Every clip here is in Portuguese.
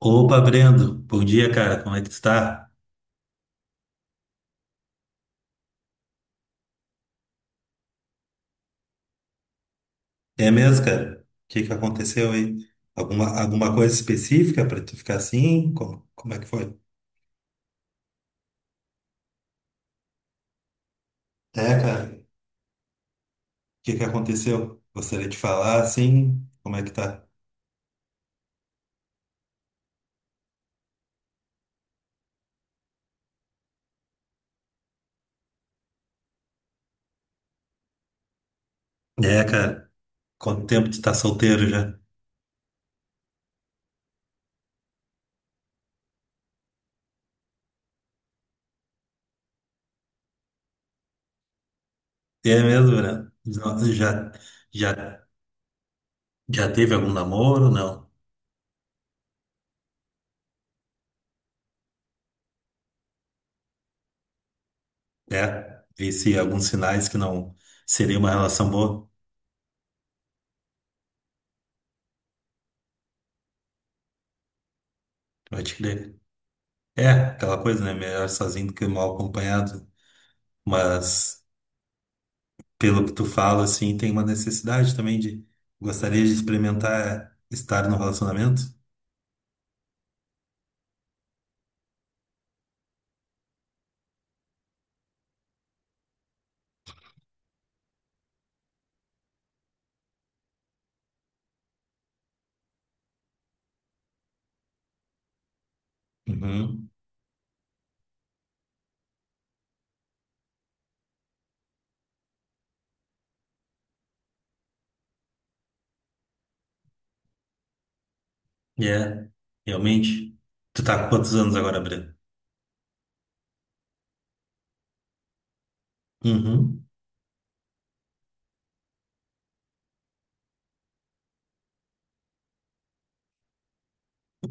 Opa, Brendo, bom dia, cara. Como é que tu tá? É mesmo, cara? O que que aconteceu aí? Alguma coisa específica pra tu ficar assim? Como é que foi? É, cara. O que que aconteceu? Gostaria de falar assim. Como é que tá? É, cara. Quanto tempo tu tá solteiro já? É mesmo, Brendo? Não, já, já teve algum namoro? Não. É. Vi se alguns sinais que não seria uma relação boa. Pode crer. É, aquela coisa, né? Melhor sozinho do que mal acompanhado. Mas, pelo que tu fala, assim, tem uma necessidade também de gostaria de experimentar estar no relacionamento. Uhum. É, realmente. Tu tá com quantos anos agora, Breno? Uhum.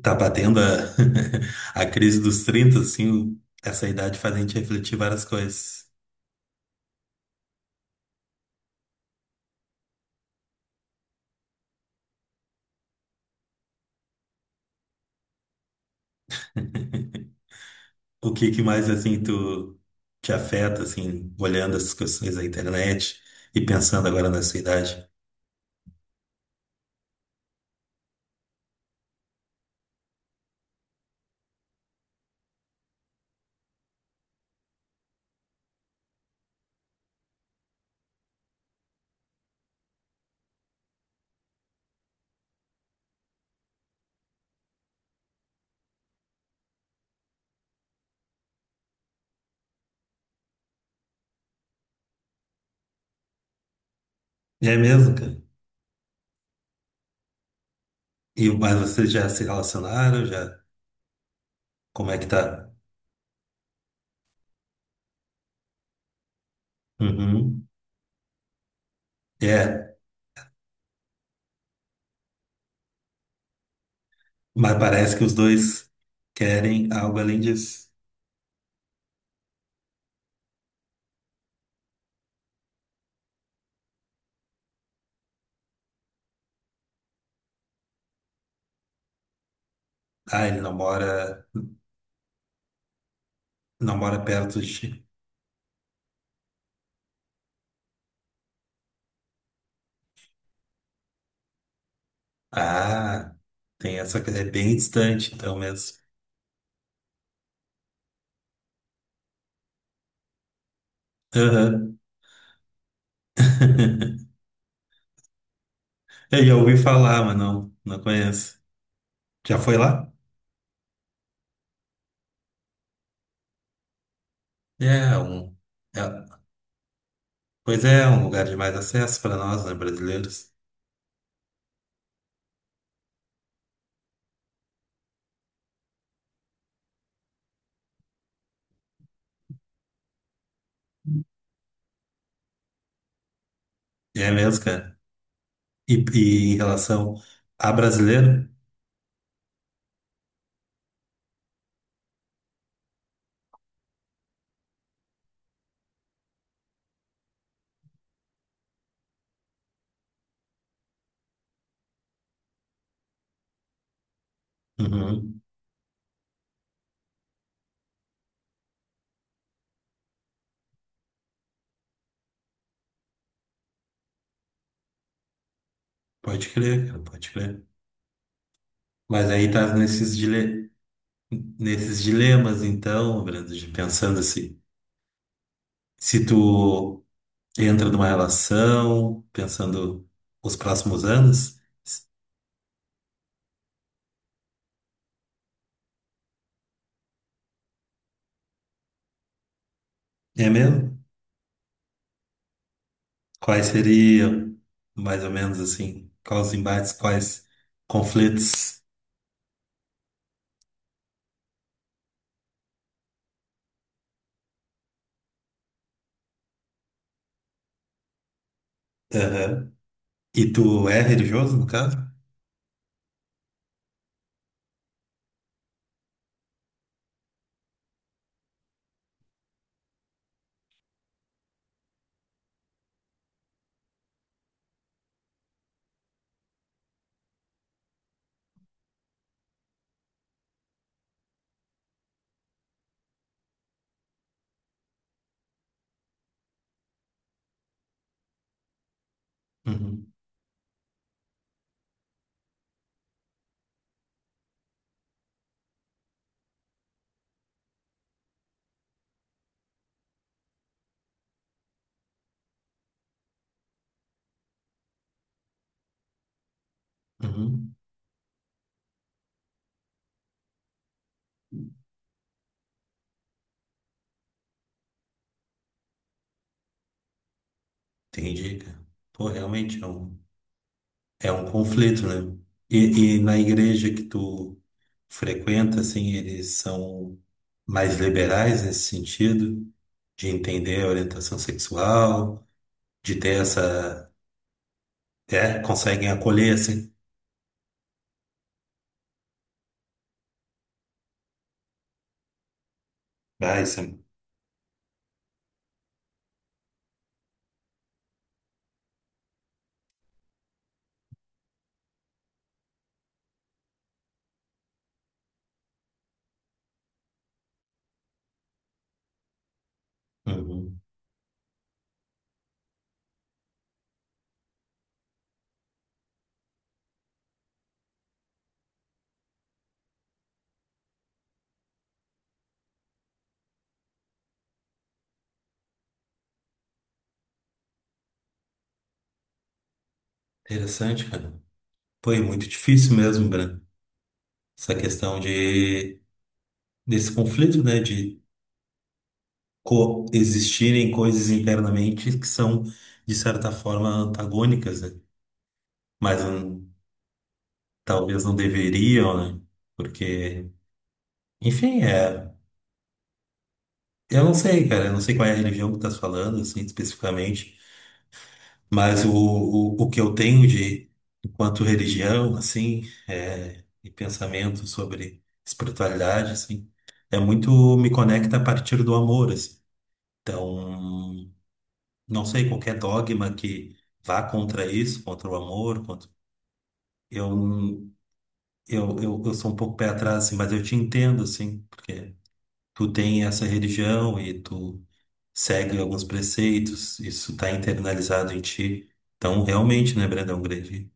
Tá batendo a a crise dos 30 assim, essa idade faz a gente refletir várias coisas. O que que mais, assim, tu te afeta, assim, olhando essas questões da internet e pensando agora nessa idade? É mesmo, cara? E, mas vocês já se relacionaram, já. Como é que tá? Uhum. É, mas parece que os dois querem algo além disso. Ah, ele não mora, Não mora perto de ti. Ah, tem essa coisa, é bem distante então mesmo. Aham. Eu já ouvi falar, mas não conheço. Já foi lá? É, um, é, Pois é, um lugar de mais acesso para nós, né, brasileiros. É mesmo, cara. E em relação a brasileiro? Uhum. Pode crer, cara, pode crer. Mas aí tá nesses, nesses dilemas, então, Brando, de pensando assim, se tu entra numa relação, pensando os próximos anos, é mesmo? Quais seriam, mais ou menos assim, quais os embates, quais conflitos? Aham. E tu é religioso, no caso? Uhum. Uhum. Entendi, cara. Pô, é um conflito, né? E na igreja que tu frequenta, assim, eles são mais liberais nesse sentido, de entender a orientação sexual, de ter essa. É, conseguem acolher, assim. Ah, isso é uhum. Interessante, cara. Foi muito difícil mesmo, Breno. Essa questão de, desse conflito, né? De coexistirem coisas internamente que são, de certa forma, antagônicas, né? Mas talvez não deveriam, né? Porque, enfim, é. Eu não sei, cara. Eu não sei qual é a religião que tu estás falando, assim, especificamente. Mas o que eu tenho de, enquanto religião, assim, é, e pensamento sobre espiritualidade, assim, é muito me conecta a partir do amor, assim. Então, não sei, qualquer dogma que vá contra isso, contra o amor, contra... Eu, eu sou um pouco pé atrás, assim, mas eu te entendo, assim, porque tu tem essa religião e tu segue alguns preceitos, isso está internalizado em ti. Então, realmente, né, Brandão, um grande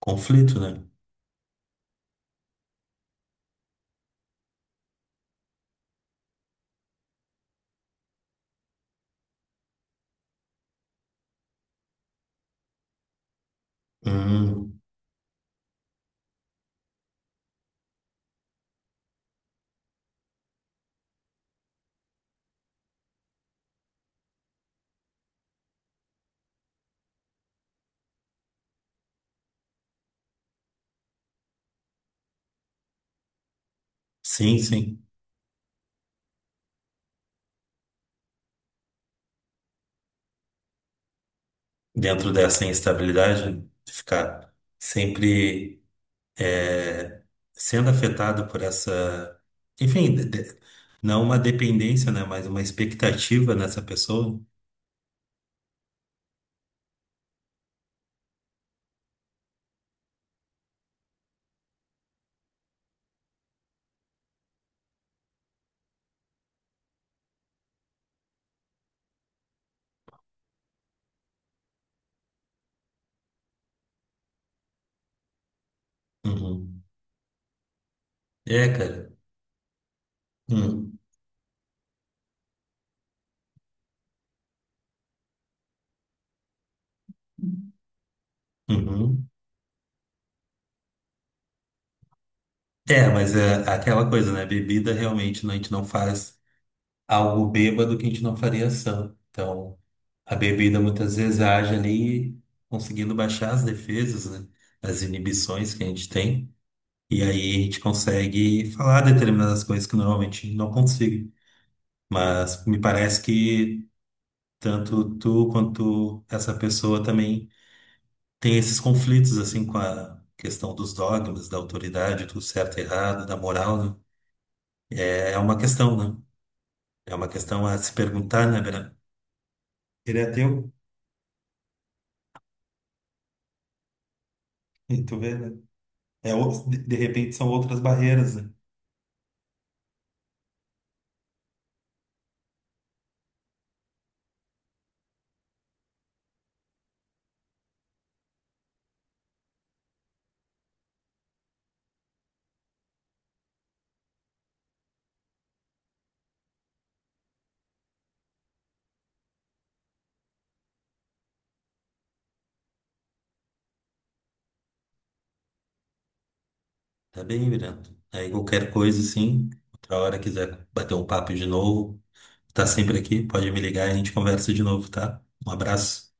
conflito, né? Hum, sim, sim. Dentro dessa instabilidade, ficar sempre é, sendo afetado por essa, enfim, não uma dependência, né? Mas uma expectativa nessa pessoa. Uhum. É, cara. Hum, uhum. É, mas é aquela coisa, né? Bebida realmente né, a gente não faz algo bêbado que a gente não faria sã. Então. A bebida muitas vezes age ali, conseguindo baixar as defesas, né? As inibições que a gente tem. E aí a gente consegue falar determinadas coisas que normalmente não consigo. Mas me parece que tanto tu quanto essa pessoa também tem esses conflitos, assim, com a questão dos dogmas, da autoridade, do certo e errado, da moral, né? É uma questão, né? É uma questão a se perguntar, né, Vera? Ele é teu, e tu vê, né? É, de repente são outras barreiras, né? Tá bem, Miranda. Aí qualquer coisa, sim. Outra hora quiser bater um papo de novo, tá sempre aqui, pode me ligar e a gente conversa de novo, tá? Um abraço.